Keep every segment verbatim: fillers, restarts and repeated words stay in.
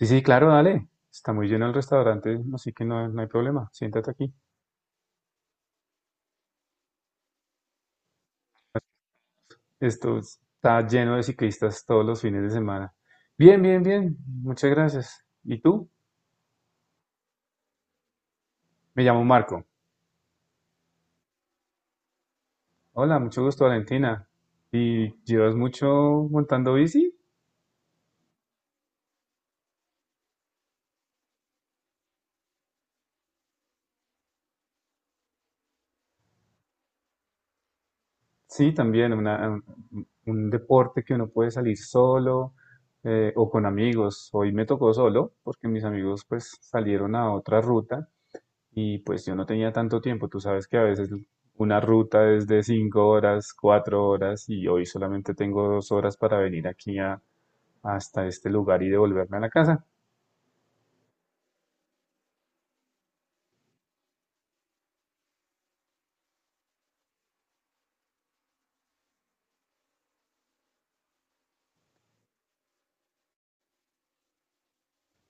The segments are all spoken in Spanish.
Sí, sí, claro, dale. Está muy lleno el restaurante, así que no, no hay problema. Siéntate aquí. Esto está lleno de ciclistas todos los fines de semana. Bien, bien, bien. Muchas gracias. ¿Y tú? Me llamo Marco. Hola, mucho gusto, Valentina. ¿Y llevas mucho montando bici? Sí, también una- un, un deporte que uno puede salir solo, eh, o con amigos. Hoy me tocó solo porque mis amigos pues salieron a otra ruta. Y pues yo no tenía tanto tiempo, tú sabes que a veces una ruta es de cinco horas, cuatro horas y hoy solamente tengo dos horas para venir aquí a, hasta este lugar y devolverme a la casa.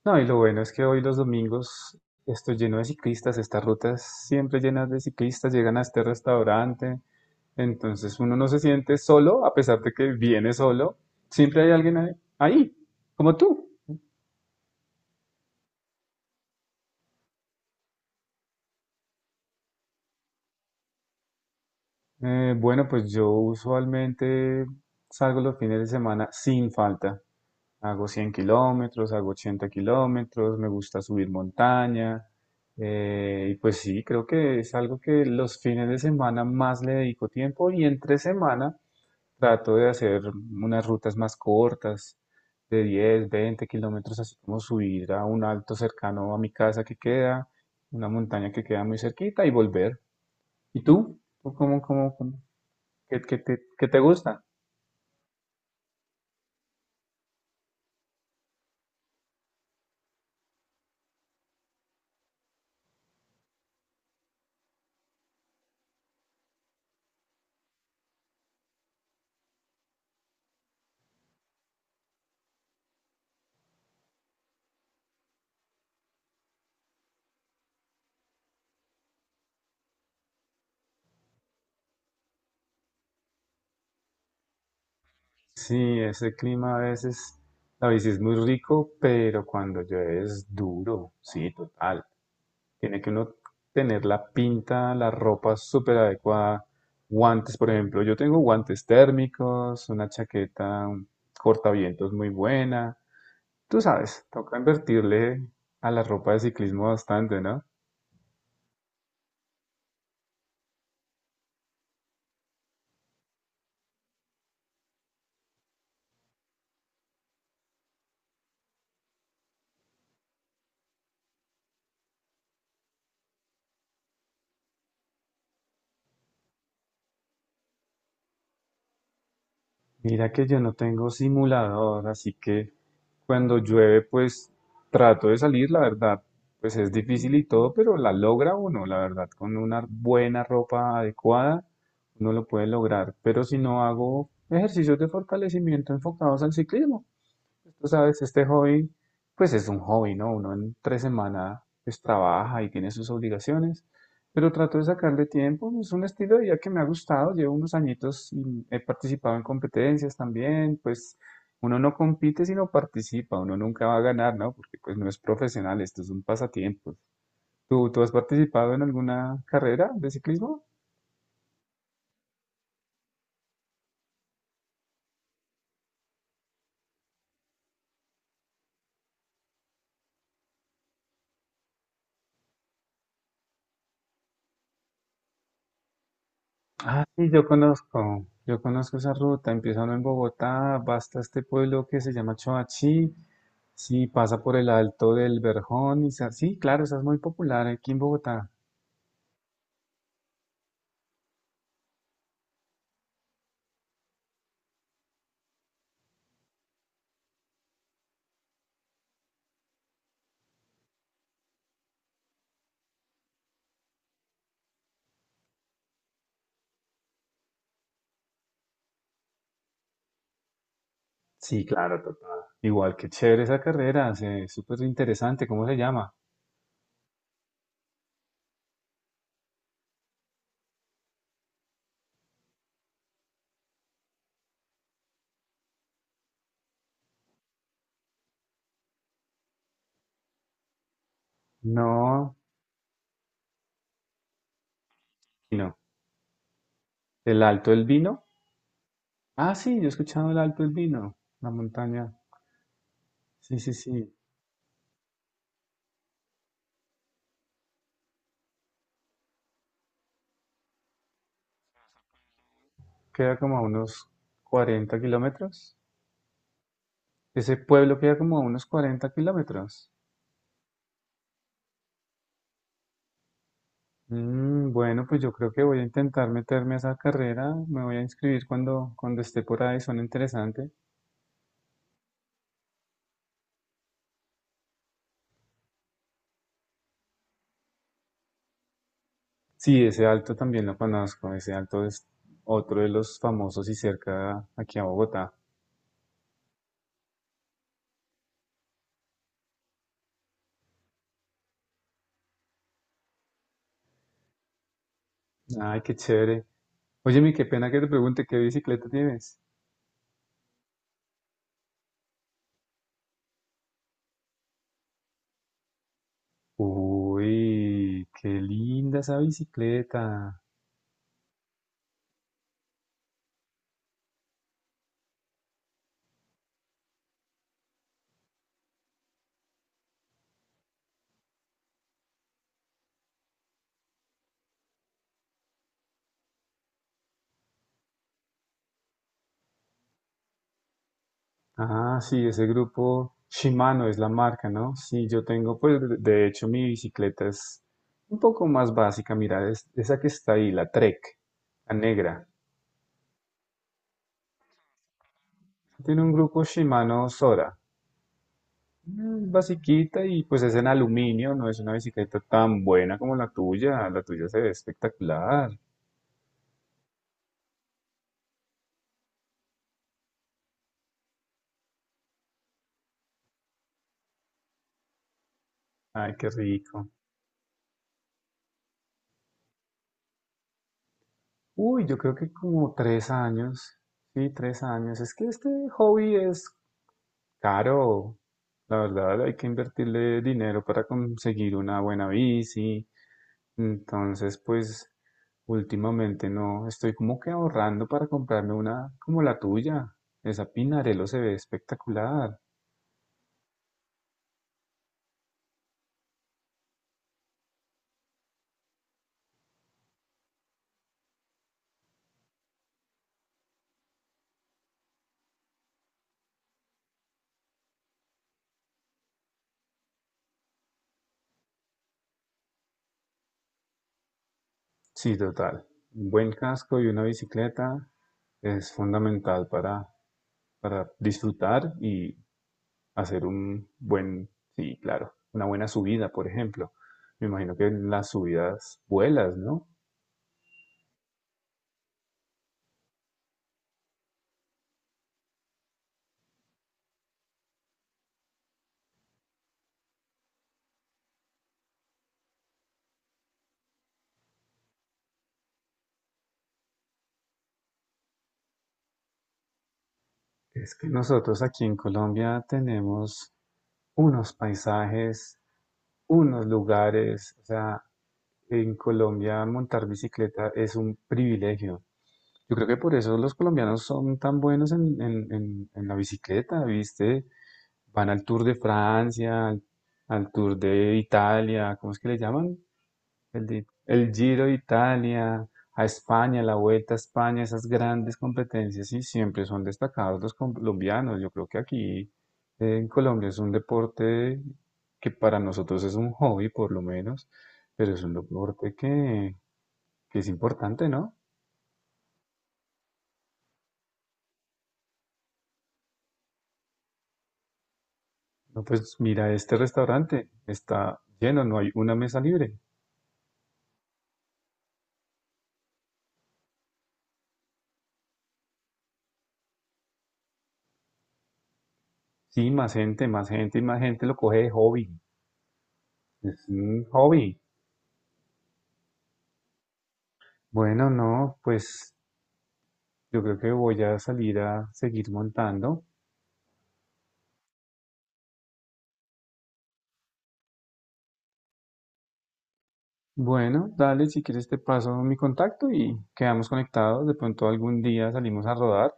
No, y lo bueno es que hoy los domingos estoy lleno de ciclistas, estas rutas siempre llenas de ciclistas, llegan a este restaurante, entonces uno no se siente solo a pesar de que viene solo, siempre hay alguien ahí, ahí, como tú. Eh, bueno, pues yo usualmente salgo los fines de semana sin falta. Hago cien kilómetros, hago ochenta kilómetros, me gusta subir montaña. Eh, y pues sí, creo que es algo que los fines de semana más le dedico tiempo y entre semana trato de hacer unas rutas más cortas, de diez veinte kilómetros, así como subir a un alto cercano a mi casa que queda, una montaña que queda muy cerquita y volver. ¿Y tú? ¿Tú cómo, cómo, cómo? ¿Qué, qué te, qué te gusta? Sí, ese clima a veces, la bici es muy rico, pero cuando llueve es duro, sí, total. Tiene que uno tener la pinta, la ropa súper adecuada, guantes, por ejemplo. Yo tengo guantes térmicos, una chaqueta, un cortavientos muy buena. Tú sabes, toca invertirle a la ropa de ciclismo bastante, ¿no? Mira que yo no tengo simulador, así que cuando llueve, pues trato de salir, la verdad, pues es difícil y todo, pero la logra uno, la verdad, con una buena ropa adecuada, uno lo puede lograr. Pero si no hago ejercicios de fortalecimiento enfocados al ciclismo. Tú sabes, este hobby, pues es un hobby, ¿no? Uno en tres semanas pues trabaja y tiene sus obligaciones, pero trato de sacarle tiempo, es un estilo de vida que me ha gustado, llevo unos añitos y he participado en competencias también, pues uno no compite sino participa, uno nunca va a ganar, ¿no? Porque pues no es profesional, esto es un pasatiempo. ¿Tú, tú has participado en alguna carrera de ciclismo? Ah, sí, yo conozco, yo conozco esa ruta, empieza uno en Bogotá, va hasta este pueblo que se llama Choachí, sí, pasa por el Alto del Verjón, y sa- sí, claro, esa es muy popular aquí en Bogotá. Sí, claro, total. Igual, que chévere esa carrera, se- súper interesante, ¿cómo se llama? No, no, ¿el Alto del Vino? Ah, sí, yo he escuchado el Alto del Vino, la montaña, sí, sí, sí, queda como a unos cuarenta kilómetros, ese pueblo queda como a unos cuarenta kilómetros. Mm, bueno, pues yo creo que voy a intentar meterme a esa carrera. Me voy a inscribir cuando, cuando esté por ahí. Suena interesante. Sí, ese alto también lo conozco. Ese alto es otro de los famosos y cerca aquí a Bogotá. Ay, qué chévere. Oye, mi, qué pena que te pregunte qué bicicleta tienes. Uy, qué linda esa bicicleta. Ah, sí, ese grupo Shimano es la marca, ¿no? Sí, yo tengo, pues de de hecho mi bicicleta es un poco más básica, mira, es esa que está ahí, la Trek, la negra. Tiene un grupo Shimano Sora, mm, basiquita y pues es en aluminio, no es una bicicleta tan buena como la tuya, la tuya se ve espectacular. Ay, qué rico. Uy, yo creo que como tres años, sí, tres años. Es que este hobby es caro, la verdad hay que invertirle dinero para conseguir una buena bici. Entonces, pues últimamente no, estoy como que ahorrando para comprarme una como la tuya. Esa Pinarello se ve espectacular. Sí, total. Un buen casco y una bicicleta es fundamental para, para, disfrutar y hacer un buen, sí, claro, una buena subida, por ejemplo. Me imagino que en las subidas vuelas, ¿no? Es que nosotros aquí en Colombia tenemos unos paisajes, unos lugares, o sea, en Colombia montar bicicleta es un privilegio. Yo creo que por eso los colombianos son tan buenos en, en- en- en la bicicleta, ¿viste? Van al Tour de Francia, al, al Tour de Italia, ¿cómo es que le llaman? El, di- el Giro de Italia, a España, la Vuelta a España, esas grandes competencias sí siempre son destacados los colombianos. Yo creo que aquí, eh, en Colombia es un deporte que para nosotros es un hobby por lo menos, pero es un deporte que, que es importante, ¿no? No, pues mira, este restaurante está lleno, no hay una mesa libre. Sí, más gente, más gente y más gente lo coge de hobby. Es un hobby. Bueno, no, pues yo creo que voy a salir a seguir montando. Bueno, dale, si quieres te paso mi contacto y quedamos conectados. De pronto algún día salimos a rodar.